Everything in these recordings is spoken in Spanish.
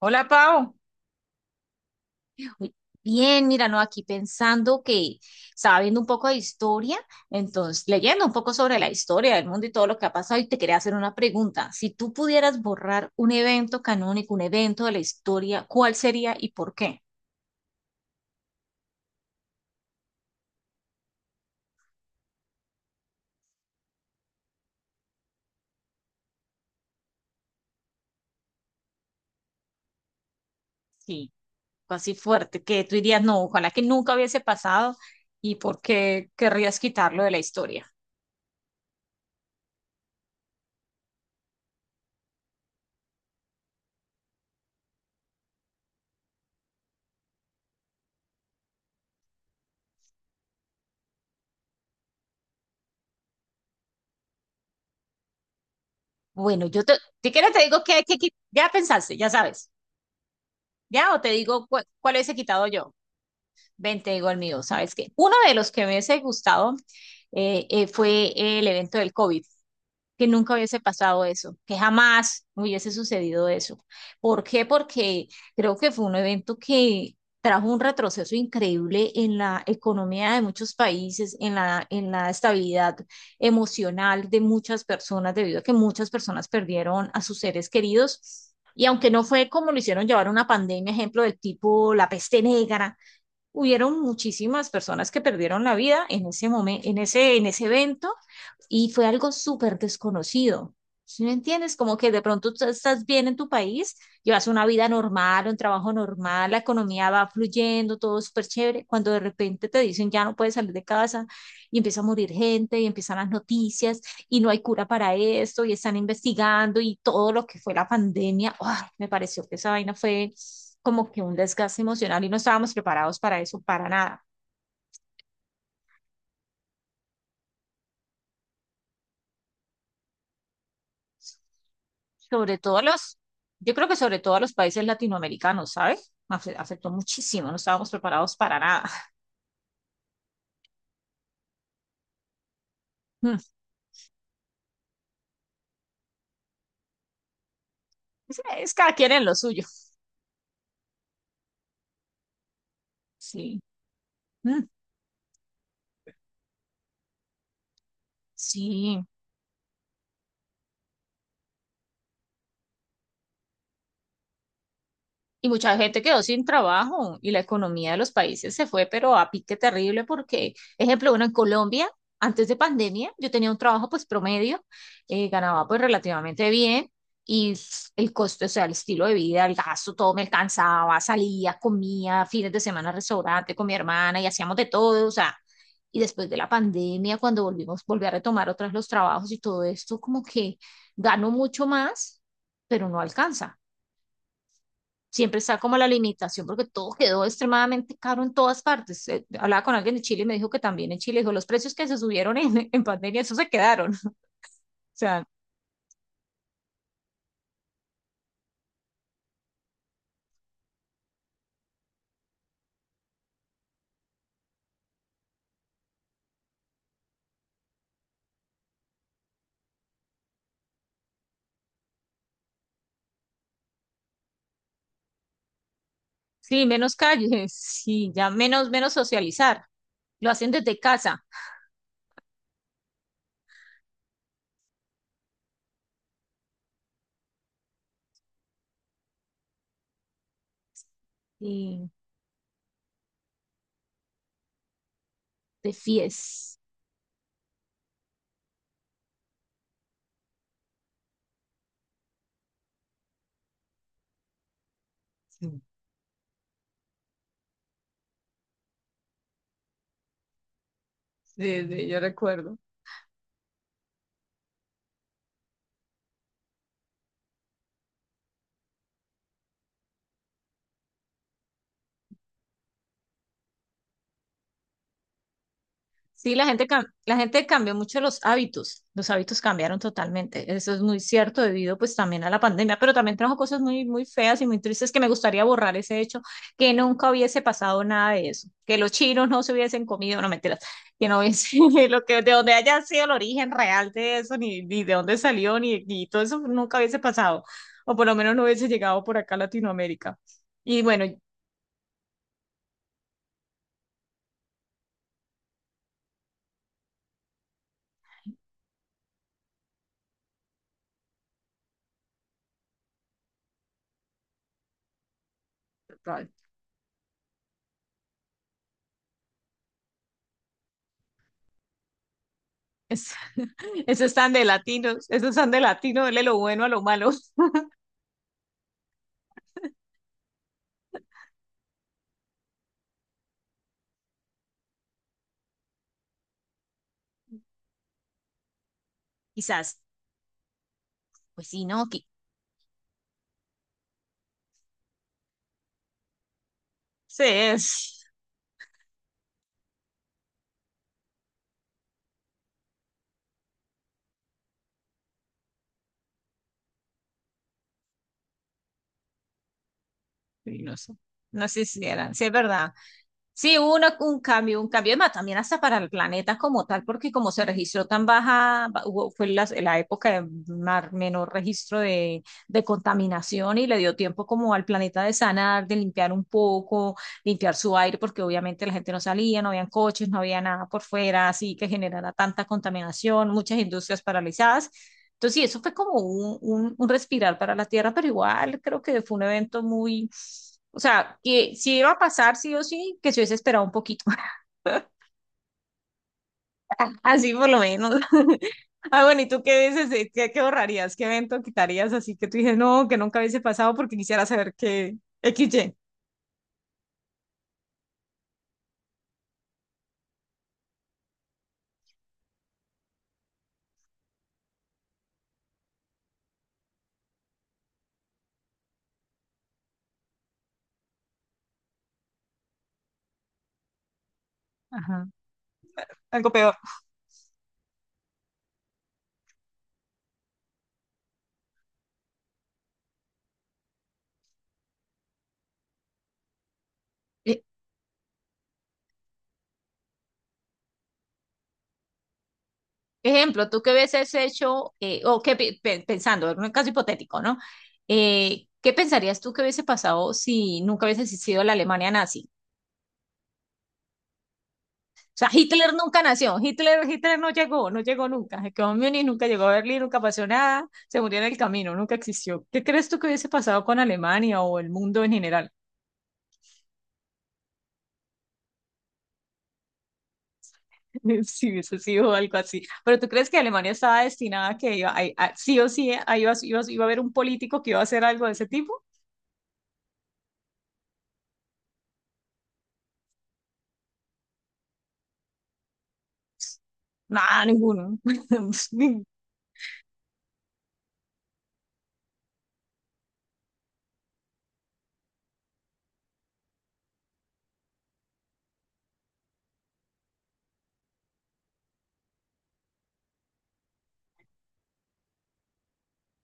Hola, Pau. Uy, Bien, mira, no, aquí pensando que estaba viendo un poco de historia, entonces leyendo un poco sobre la historia del mundo y todo lo que ha pasado, y te quería hacer una pregunta. Si tú pudieras borrar un evento canónico, un evento de la historia, ¿cuál sería y por qué? Sí, así fuerte, que tú dirías, no, ojalá que nunca hubiese pasado y por qué querrías quitarlo de la historia. Bueno, yo te, si quieres te digo ya pensaste, ya sabes, ya, o te digo cuál hubiese quitado yo. 20, digo el mío, ¿sabes qué? Uno de los que me hubiese gustado fue el evento del COVID, que nunca hubiese pasado eso, que jamás hubiese sucedido eso. ¿Por qué? Porque creo que fue un evento que trajo un retroceso increíble en la economía de muchos países, en la estabilidad emocional de muchas personas, debido a que muchas personas perdieron a sus seres queridos. Y aunque no fue como lo hicieron llevar una pandemia, ejemplo del tipo la peste negra, hubieron muchísimas personas que perdieron la vida en ese momento, en ese evento, y fue algo súper desconocido. ¿Sí me entiendes? Como que de pronto tú estás bien en tu país, llevas una vida normal, un trabajo normal, la economía va fluyendo, todo súper chévere, cuando de repente te dicen ya no puedes salir de casa y empieza a morir gente y empiezan las noticias y no hay cura para esto y están investigando y todo lo que fue la pandemia. ¡Ay! Me pareció que esa vaina fue como que un desgaste emocional y no estábamos preparados para eso, para nada. Sobre todo los, yo creo que sobre todo a los países latinoamericanos, ¿sabes? Afectó muchísimo, no estábamos preparados para nada. Mm. Es cada quien en lo suyo. Sí, mm, sí. Y mucha gente quedó sin trabajo y la economía de los países se fue, pero a pique terrible porque, ejemplo, bueno, en Colombia, antes de pandemia, yo tenía un trabajo pues promedio, ganaba pues relativamente bien y el costo, o sea, el estilo de vida, el gasto, todo me alcanzaba, salía, comía, fines de semana al restaurante con mi hermana y hacíamos de todo, o sea, y después de la pandemia, cuando volvimos, volví a retomar otras los trabajos y todo esto, como que gano mucho más, pero no alcanza siempre está como la limitación porque todo quedó extremadamente caro en todas partes. Hablaba con alguien de Chile y me dijo que también en Chile, dijo, los precios que se subieron en, en pandemia, eso se quedaron. O sea, sí, menos calles, sí, ya menos, menos socializar. Lo hacen desde casa y de fies. Sí, sí, yo recuerdo. Sí, la gente, la gente cambió mucho los hábitos cambiaron totalmente, eso es muy cierto debido pues también a la pandemia, pero también trajo cosas muy, muy feas y muy tristes que me gustaría borrar ese hecho, que nunca hubiese pasado nada de eso, que los chinos no se hubiesen comido, no mentiras, que no hubiese, lo que, de donde haya sido el origen real de eso, ni, ni de dónde salió, ni, ni todo eso nunca hubiese pasado, o por lo menos no hubiese llegado por acá a Latinoamérica. Y bueno, es, esos están de latinos, esos están de latino, dele lo bueno a lo malo. Quizás, pues sí, ¿no? Que- sí, es. Sí, no sé. No sé si eran, sí es verdad. Sí, hubo un cambio, además también hasta para el planeta como tal, porque como se registró tan baja, fue la época de menor registro de contaminación y le dio tiempo como al planeta de sanar, de limpiar un poco, limpiar su aire, porque obviamente la gente no salía, no habían coches, no había nada por fuera, así que generara tanta contaminación, muchas industrias paralizadas. Entonces, sí, eso fue como un respirar para la Tierra, pero igual creo que fue un evento muy, o sea, que si iba a pasar sí o sí, que se hubiese esperado un poquito, así por lo menos. Ah, bueno, ¿y tú qué dices? ¿Qué borrarías? ¿Qué evento quitarías? Así que tú dices, no, que nunca hubiese pasado porque quisiera saber que X Y. Ajá. Algo peor. E- Ejemplo, tú qué hubieses hecho, o qué pensando, en un caso hipotético, ¿no? ¿Qué pensarías tú que hubiese pasado si nunca hubiese existido la Alemania nazi? O sea, Hitler nunca nació, Hitler no llegó, no llegó nunca, se quedó en Múnich, nunca llegó a Berlín, nunca pasó nada, se murió en el camino, nunca existió. ¿Qué crees tú que hubiese pasado con Alemania o el mundo en general si hubiese sido algo así? Pero ¿tú crees que Alemania estaba destinada a que iba, sí o sí iba, iba, iba a haber un político que iba a hacer algo de ese tipo? Nada, ninguno.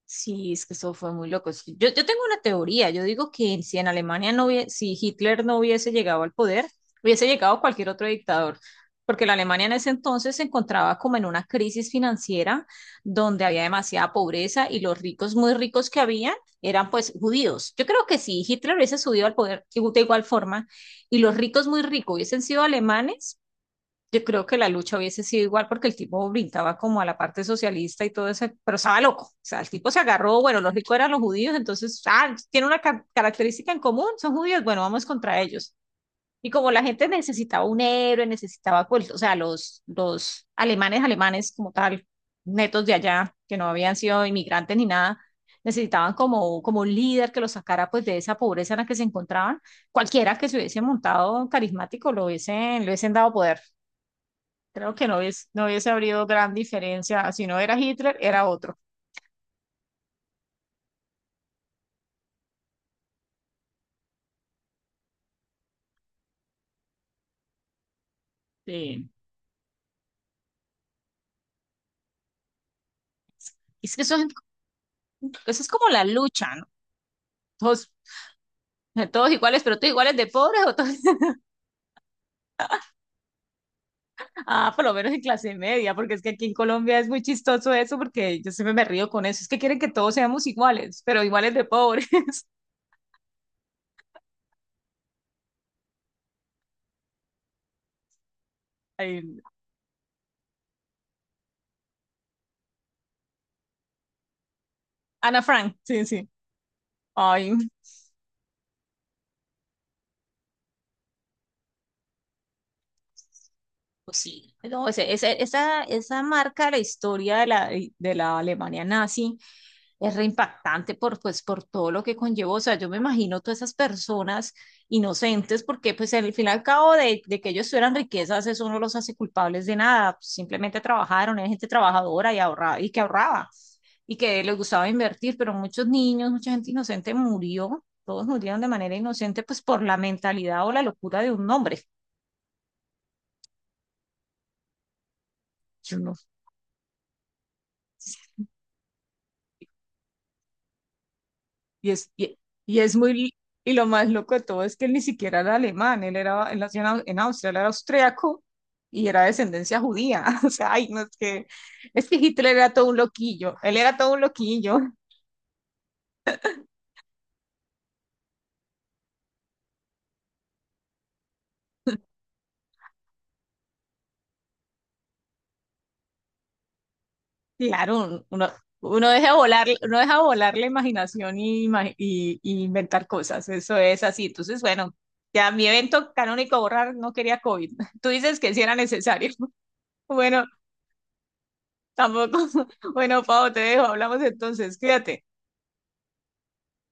Sí, es que eso fue muy loco. Es que yo tengo una teoría. Yo digo que si en Alemania no hubiese, si Hitler no hubiese llegado al poder, hubiese llegado cualquier otro dictador. Porque la Alemania en ese entonces se encontraba como en una crisis financiera donde había demasiada pobreza y los ricos, muy ricos que habían, eran pues judíos. Yo creo que si Hitler hubiese subido al poder de igual forma y los ricos muy ricos hubiesen sido alemanes, yo creo que la lucha hubiese sido igual porque el tipo brincaba como a la parte socialista y todo eso, pero estaba loco. O sea, el tipo se agarró, bueno, los ricos eran los judíos, entonces, ah, tiene una característica en común, son judíos, bueno, vamos contra ellos. Y como la gente necesitaba un héroe, necesitaba, pues, o sea, los alemanes, alemanes como tal, netos de allá, que no habían sido inmigrantes ni nada, necesitaban como un líder que los sacara pues de esa pobreza en la que se encontraban. Cualquiera que se hubiese montado carismático lo hubiesen, le hubiesen dado poder. Creo que no hubiese, no hubiese habido gran diferencia. Si no era Hitler, era otro. Sí. Es que eso es como la lucha, ¿no? Todos, todos iguales, pero todos iguales de pobres o todos, ah, por lo menos en clase media, porque es que aquí en Colombia es muy chistoso eso, porque yo siempre me río con eso. Es que quieren que todos seamos iguales, pero iguales de pobres. Ay, Ana Frank, sí, sí. Ay, pues sí. No, esa marca la historia de la Alemania nazi es reimpactante por, pues, por todo lo que conllevó. O sea, yo me imagino todas esas personas inocentes, porque pues al fin y al cabo de que ellos tuvieran riquezas, eso no los hace culpables de nada. Simplemente trabajaron, era gente trabajadora y, ahorraba y que les gustaba invertir, pero muchos niños, mucha gente inocente murió, todos murieron de manera inocente, pues por la mentalidad o la locura de un hombre. Yo no, Y es, y, y es muy, y lo más loco de todo es que él ni siquiera era alemán, él era, él nació en en Austria, él era austriaco y era de descendencia judía. O sea, ay, no es que, es que Hitler era todo un loquillo, él era todo un loquillo. Claro, uno deja volar la imaginación y, y inventar cosas, eso es así. Entonces, bueno, ya mi evento canónico borrar no quería COVID. Tú dices que sí era necesario. Bueno, tampoco. Bueno, Pau, te dejo, hablamos entonces, cuídate.